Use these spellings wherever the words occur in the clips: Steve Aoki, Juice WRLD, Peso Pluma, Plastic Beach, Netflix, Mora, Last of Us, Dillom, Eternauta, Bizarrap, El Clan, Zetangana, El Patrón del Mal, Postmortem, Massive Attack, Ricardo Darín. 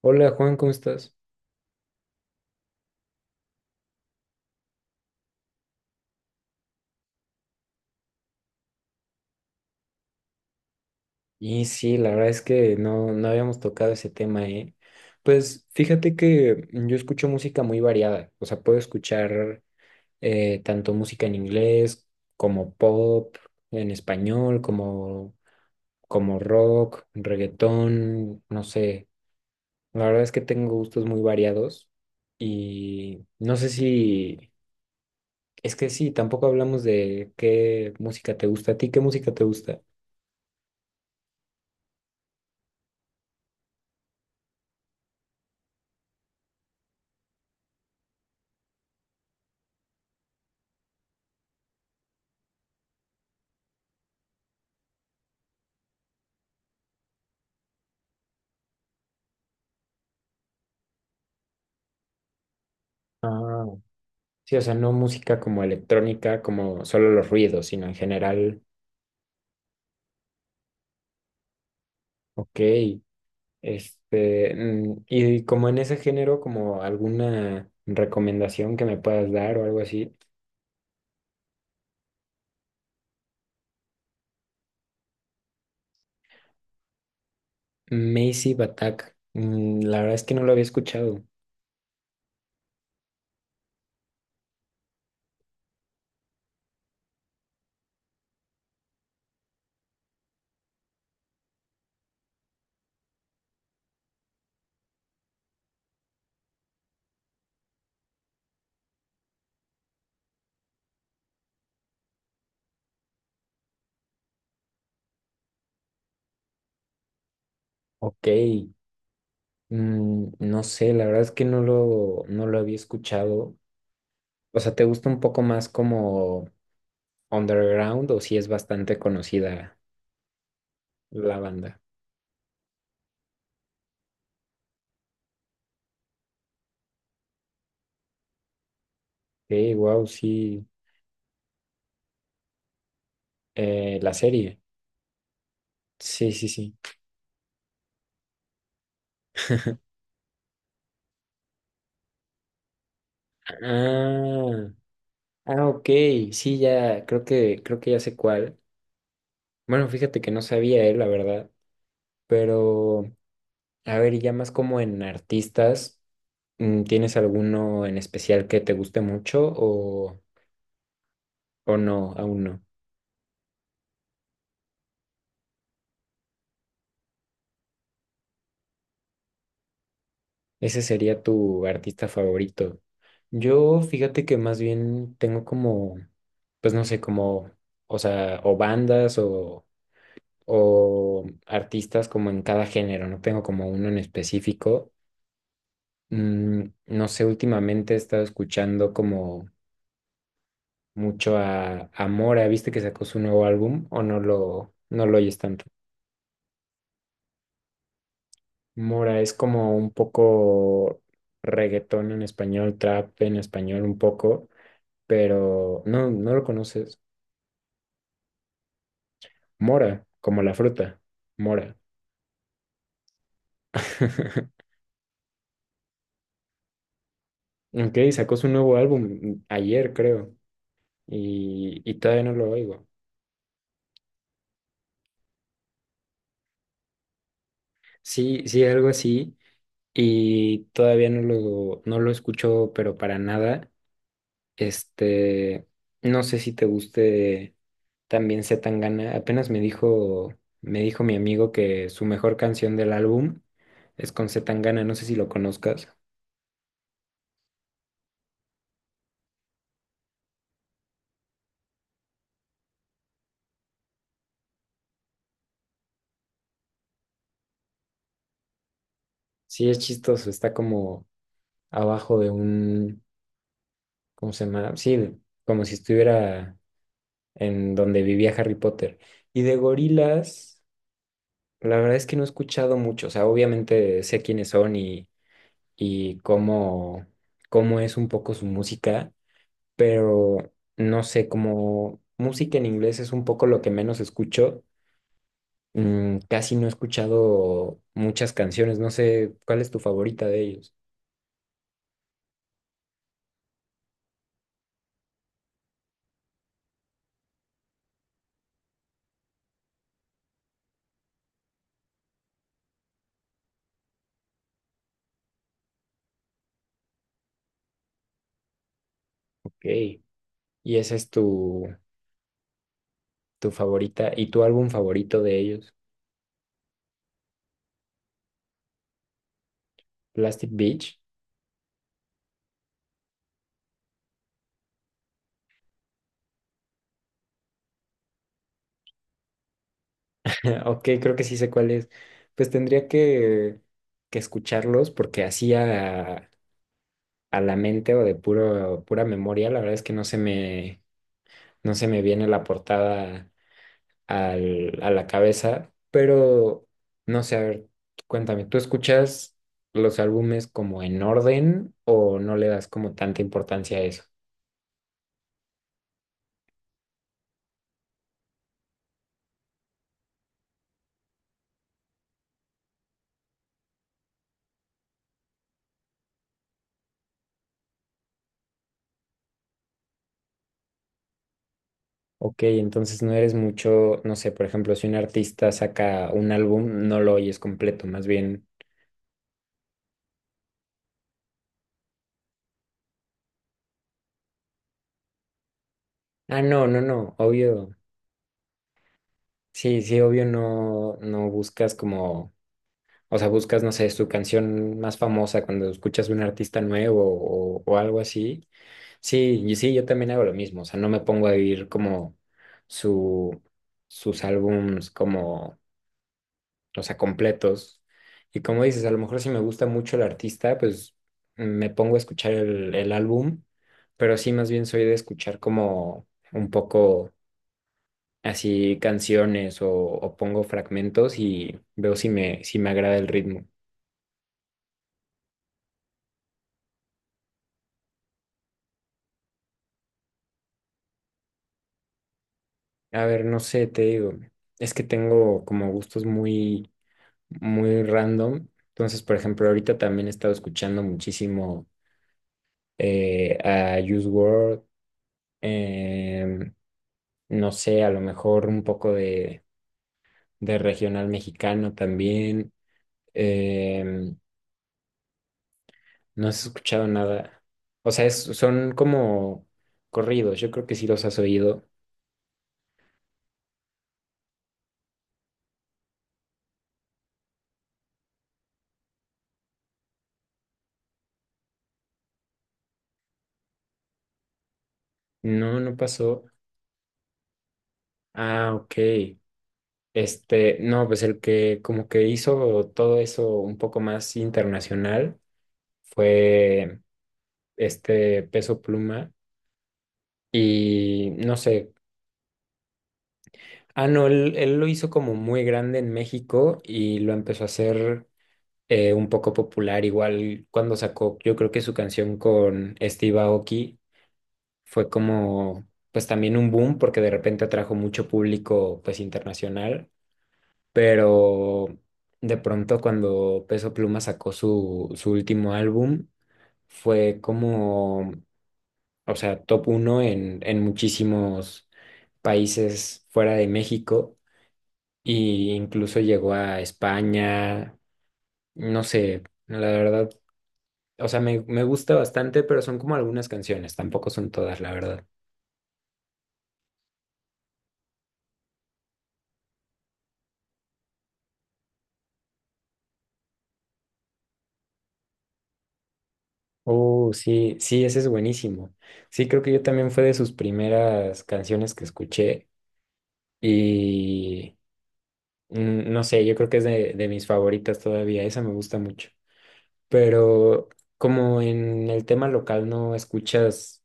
Hola Juan, ¿cómo estás? Y sí, la verdad es que no habíamos tocado ese tema, ¿eh? Pues fíjate que yo escucho música muy variada, o sea, puedo escuchar tanto música en inglés como pop, en español, como rock, reggaetón, no sé. La verdad es que tengo gustos muy variados y no sé si, es que sí, tampoco hablamos de qué música te gusta. ¿A ti qué música te gusta? Ah. Sí, o sea, no música como electrónica, como solo los ruidos, sino en general, ok. Este, y como en ese género, como alguna recomendación que me puedas dar o algo así. Massive Attack, mm, la verdad es que no lo había escuchado. Ok, no sé, la verdad es que no lo había escuchado. O sea, ¿te gusta un poco más como underground o si es bastante conocida la banda? Ok, wow, sí, la serie. Sí, sí, sí. Ah, ah, ok. Sí, ya, creo que ya sé cuál. Bueno, fíjate que no sabía él, la verdad. Pero, a ver, y ya más como en artistas, mm, ¿tienes alguno en especial que te guste mucho o no, aún no? Ese sería tu artista favorito. Yo, fíjate que más bien tengo como, pues no sé, como, o sea, o bandas o artistas como en cada género, no tengo como uno en específico. Mm, no sé, últimamente he estado escuchando como mucho a Mora, ¿viste que sacó su nuevo álbum o no lo oyes tanto? Mora es como un poco reggaetón en español, trap en español un poco, pero no, no lo conoces. Mora, como la fruta, Mora. Ok, sacó su nuevo álbum ayer, creo, y todavía no lo oigo. Sí, sí, algo así. Y todavía no lo escucho, pero para nada. Este, no sé si te guste también Zetangana. Apenas me dijo mi amigo que su mejor canción del álbum es con Zetangana. No sé si lo conozcas. Sí, es chistoso. Está como abajo de un, ¿cómo se llama? Sí, de- como si estuviera en donde vivía Harry Potter. Y de gorilas. La verdad es que no he escuchado mucho, o sea, obviamente sé quiénes son y cómo, cómo es un poco su música, pero no sé, como música en inglés es un poco lo que menos escucho, mm, casi no he escuchado muchas canciones, no sé cuál es tu favorita de ellos. Ok. Y esa es tu, tu favorita y tu álbum favorito de ellos, Plastic Beach. Ok, creo que sí sé cuál es. Pues tendría que escucharlos porque hacía a la mente o de puro, pura memoria, la verdad es que no se me viene la portada al- a la cabeza, pero no sé, a ver, cuéntame, ¿tú escuchas los álbumes como en orden o no le das como tanta importancia a eso? Ok, entonces no eres mucho, no sé, por ejemplo, si un artista saca un álbum, no lo oyes completo, más bien, ah, no, no, no, obvio, sí, sí, obvio no, no buscas como. O sea, buscas, no sé, su canción más famosa cuando escuchas un artista nuevo o algo así. Sí, y sí, yo también hago lo mismo. O sea, no me pongo a vivir como su, sus álbums como, o sea, completos. Y como dices, a lo mejor si me gusta mucho el artista, pues me pongo a escuchar el álbum, pero sí más bien soy de escuchar como un poco así canciones o pongo fragmentos y veo si me, si me agrada el ritmo. A ver, no sé, te digo, es que tengo como gustos muy, muy random. Entonces, por ejemplo, ahorita también he estado escuchando muchísimo a Juice WRLD, em, no sé, a lo mejor un poco de regional mexicano también. em, no has escuchado nada. O sea, es- son como corridos, yo creo que sí los has oído. No, no pasó. Ah, ok. Este, no, pues el que como que hizo todo eso un poco más internacional fue este Peso Pluma y no sé, ah, no, él lo hizo como muy grande en México y lo empezó a hacer un poco popular, igual cuando sacó, yo creo que su canción con Steve Aoki fue como, pues también un boom porque de repente atrajo mucho público pues internacional. Pero de pronto cuando Peso Pluma sacó su último álbum, fue como, o sea, top uno en muchísimos países fuera de México y incluso llegó a España, no sé, la verdad, o sea, me gusta bastante, pero son como algunas canciones, tampoco son todas, la verdad. Oh, sí, sí, ese es buenísimo. Sí, creo que yo también fue de sus primeras canciones que escuché. Y mm, no sé, yo creo que es de mis favoritas todavía, esa me gusta mucho. Pero como en el tema local no escuchas,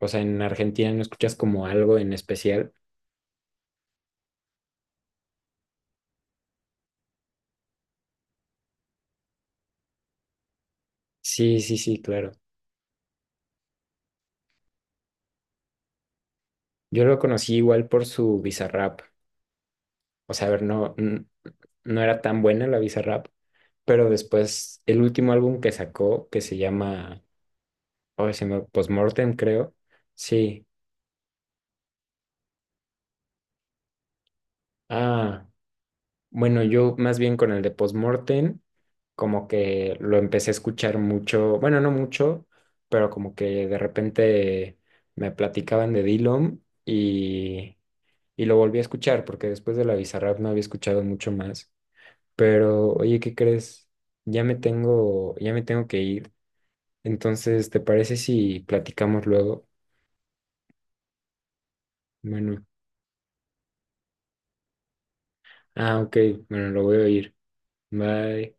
o sea, en Argentina no escuchas como algo en especial. Sí, sí, sí, claro. Yo lo conocí igual por su Bizarrap. O sea, a ver, no, n- no era tan buena la Bizarrap, pero después el último álbum que sacó, que se llama, oh, se me, Postmortem, creo. Sí. Ah. Bueno, yo más bien con el de Postmortem, como que lo empecé a escuchar mucho, bueno, no mucho, pero como que de repente me platicaban de Dillom y lo volví a escuchar, porque después de la Bizarrap no había escuchado mucho más. Pero, oye, ¿qué crees? Ya me tengo que ir. Entonces, ¿te parece si platicamos luego? Bueno, ah, ok, bueno, lo voy a oír. Bye.